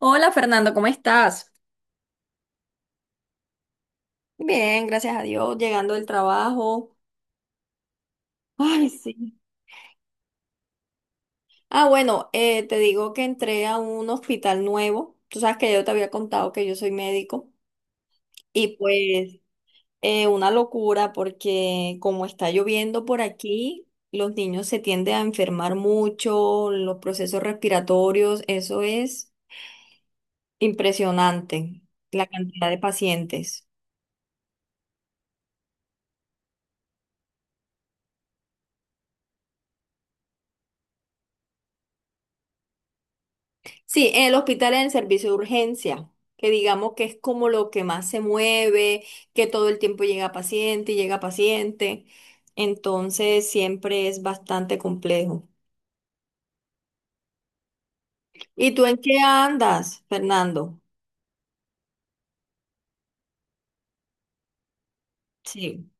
Hola Fernando, ¿cómo estás? Bien, gracias a Dios, llegando del trabajo. Ay, sí. Ah, bueno, te digo que entré a un hospital nuevo. Tú sabes que yo te había contado que yo soy médico. Y pues, una locura porque como está lloviendo por aquí, los niños se tienden a enfermar mucho, los procesos respiratorios, eso es impresionante, la cantidad de pacientes. Sí, en el hospital, en el servicio de urgencia, que digamos que es como lo que más se mueve, que todo el tiempo llega paciente y llega paciente, entonces siempre es bastante complejo. ¿Y tú en qué andas, Fernando? Sí.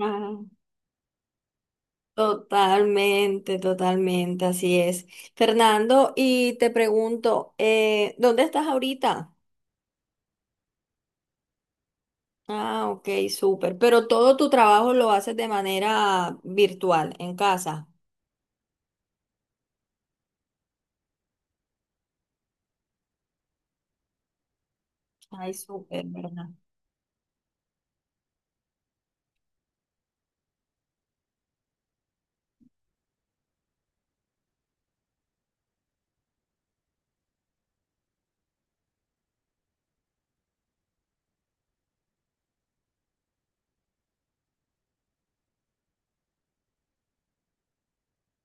Ah, totalmente, totalmente, así es. Fernando, y te pregunto, ¿dónde estás ahorita? Ah, ok, súper. Pero todo tu trabajo lo haces de manera virtual, en casa. Ay, súper, ¿verdad?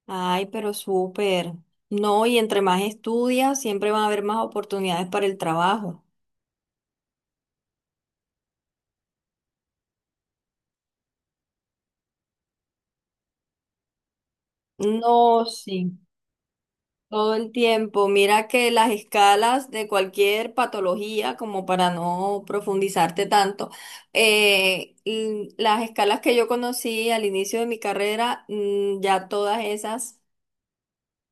Ay, pero súper. No, y entre más estudias, siempre van a haber más oportunidades para el trabajo. No, sí, todo el tiempo. Mira que las escalas de cualquier patología, como para no profundizarte tanto, las escalas que yo conocí al inicio de mi carrera, ya todas esas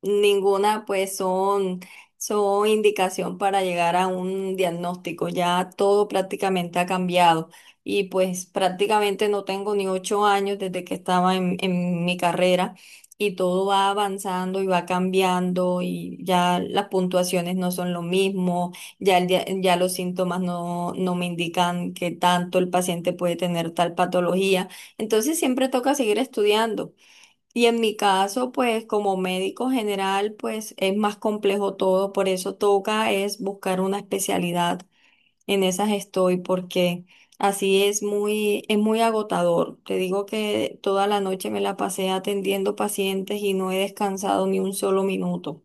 ninguna, pues son indicación para llegar a un diagnóstico. Ya todo prácticamente ha cambiado. Y pues prácticamente no tengo ni 8 años desde que estaba en mi carrera y todo va avanzando y va cambiando y ya las puntuaciones no son lo mismo, ya, ya los síntomas no, no me indican que tanto el paciente puede tener tal patología. Entonces siempre toca seguir estudiando. Y en mi caso, pues como médico general, pues es más complejo todo, por eso toca es buscar una especialidad. En esas estoy porque así es muy agotador. Te digo que toda la noche me la pasé atendiendo pacientes y no he descansado ni un solo minuto.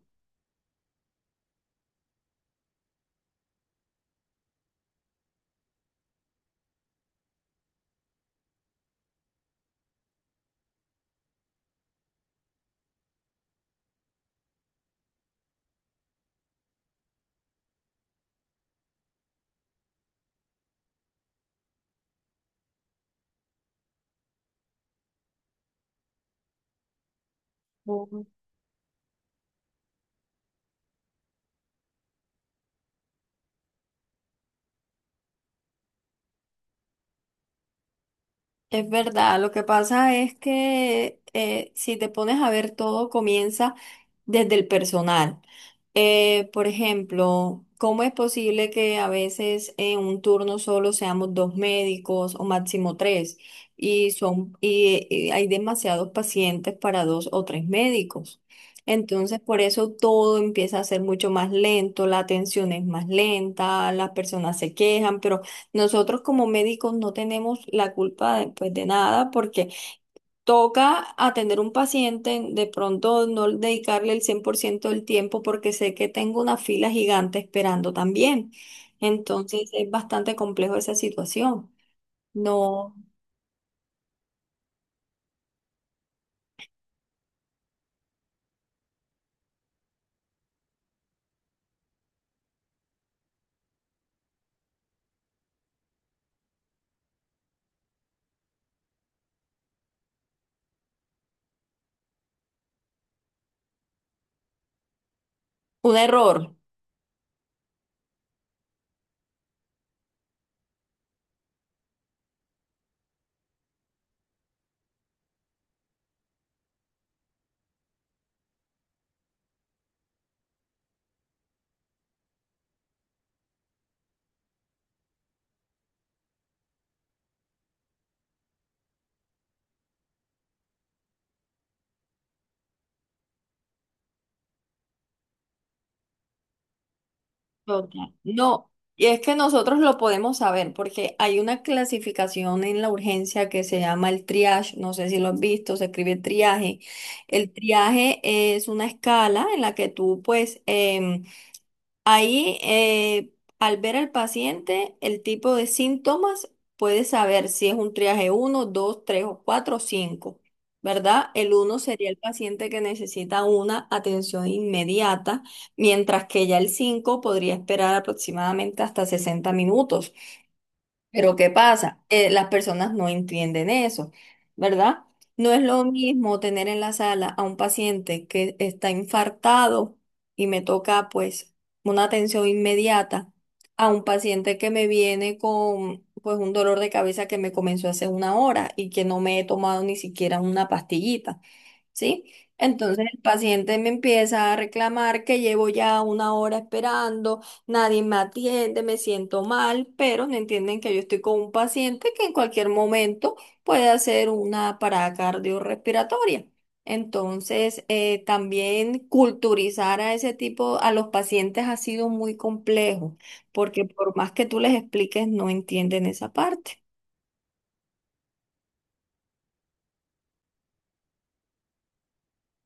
Es verdad, lo que pasa es que si te pones a ver todo comienza desde el personal. Por ejemplo, ¿cómo es posible que a veces en un turno solo seamos dos médicos o máximo tres y hay demasiados pacientes para dos o tres médicos? Entonces, por eso todo empieza a ser mucho más lento, la atención es más lenta, las personas se quejan, pero nosotros como médicos no tenemos la culpa de, pues, de nada porque toca atender un paciente, de pronto no dedicarle el 100% del tiempo porque sé que tengo una fila gigante esperando también. Entonces es bastante complejo esa situación. No, un error. Total. No, y es que nosotros lo podemos saber porque hay una clasificación en la urgencia que se llama el triage, no sé si lo has visto, se escribe triaje. El triaje es una escala en la que tú pues Ahí, eh, al ver al paciente, el tipo de síntomas puede saber si es un triaje uno, 2, 3 o 4 o 5, ¿verdad? El uno sería el paciente que necesita una atención inmediata, mientras que ya el 5 podría esperar aproximadamente hasta 60 minutos. Pero ¿qué pasa? Las personas no entienden eso, ¿verdad? No es lo mismo tener en la sala a un paciente que está infartado y me toca pues una atención inmediata a un paciente que me viene con pues un dolor de cabeza que me comenzó hace una hora y que no me he tomado ni siquiera una pastillita. ¿Sí? Entonces el paciente me empieza a reclamar que llevo ya una hora esperando, nadie me atiende, me siento mal, pero no entienden que yo estoy con un paciente que en cualquier momento puede hacer una parada cardiorrespiratoria. Entonces, también culturizar a ese tipo, a los pacientes ha sido muy complejo, porque por más que tú les expliques, no entienden esa parte.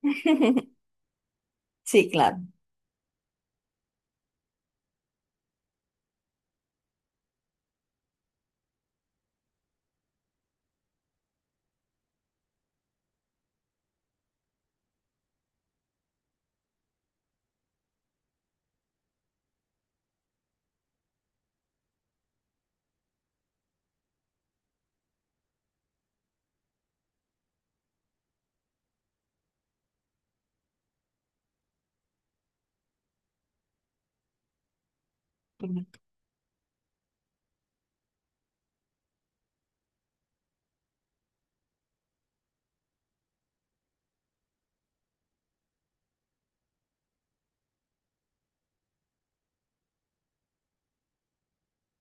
Sí, claro.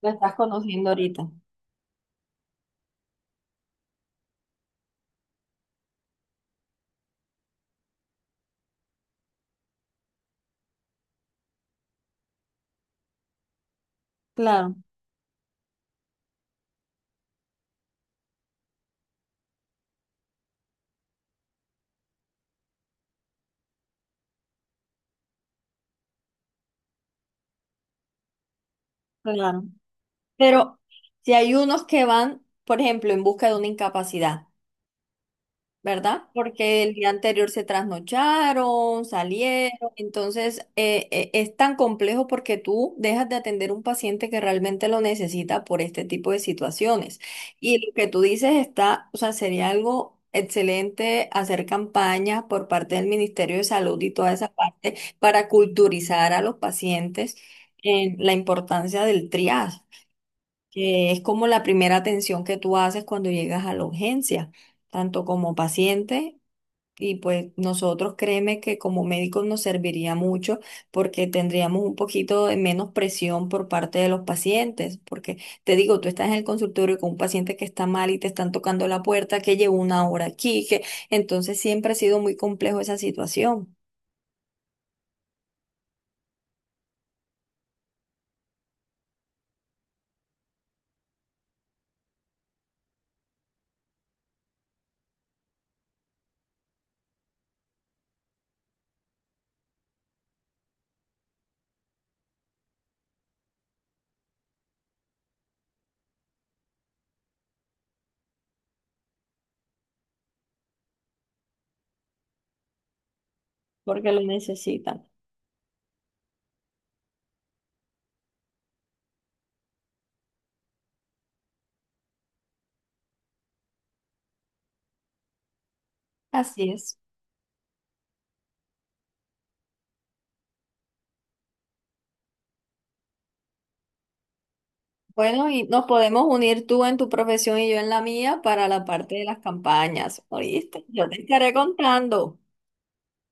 La estás conociendo ahorita. Claro, claro. Pero si hay unos que van, por ejemplo, en busca de una incapacidad, ¿verdad? Porque el día anterior se trasnocharon, salieron, entonces es tan complejo porque tú dejas de atender un paciente que realmente lo necesita por este tipo de situaciones. Y lo que tú dices está, o sea, sería algo excelente hacer campañas por parte del Ministerio de Salud y toda esa parte para culturizar a los pacientes en la importancia del triage, que es como la primera atención que tú haces cuando llegas a la urgencia, tanto como paciente. Y pues nosotros créeme que como médicos nos serviría mucho porque tendríamos un poquito de menos presión por parte de los pacientes, porque te digo, tú estás en el consultorio con un paciente que está mal y te están tocando la puerta, que llevo una hora aquí, que entonces siempre ha sido muy complejo esa situación porque lo necesitan. Así es. Bueno, y nos podemos unir tú en tu profesión y yo en la mía para la parte de las campañas, ¿oíste? Yo te estaré contando,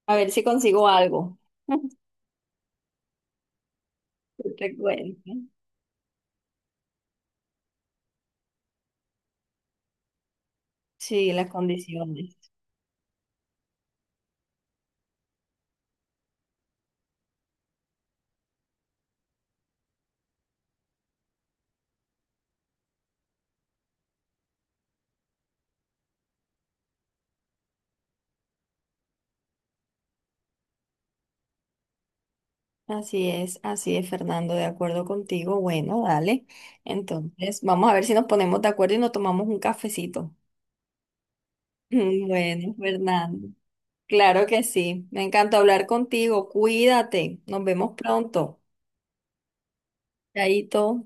a ver si consigo algo. Yo te cuento. Sí, las condiciones. Así es, Fernando, de acuerdo contigo. Bueno, dale. Entonces, vamos a ver si nos ponemos de acuerdo y nos tomamos un cafecito. Bueno, Fernando. Claro que sí. Me encantó hablar contigo. Cuídate. Nos vemos pronto. Chaito.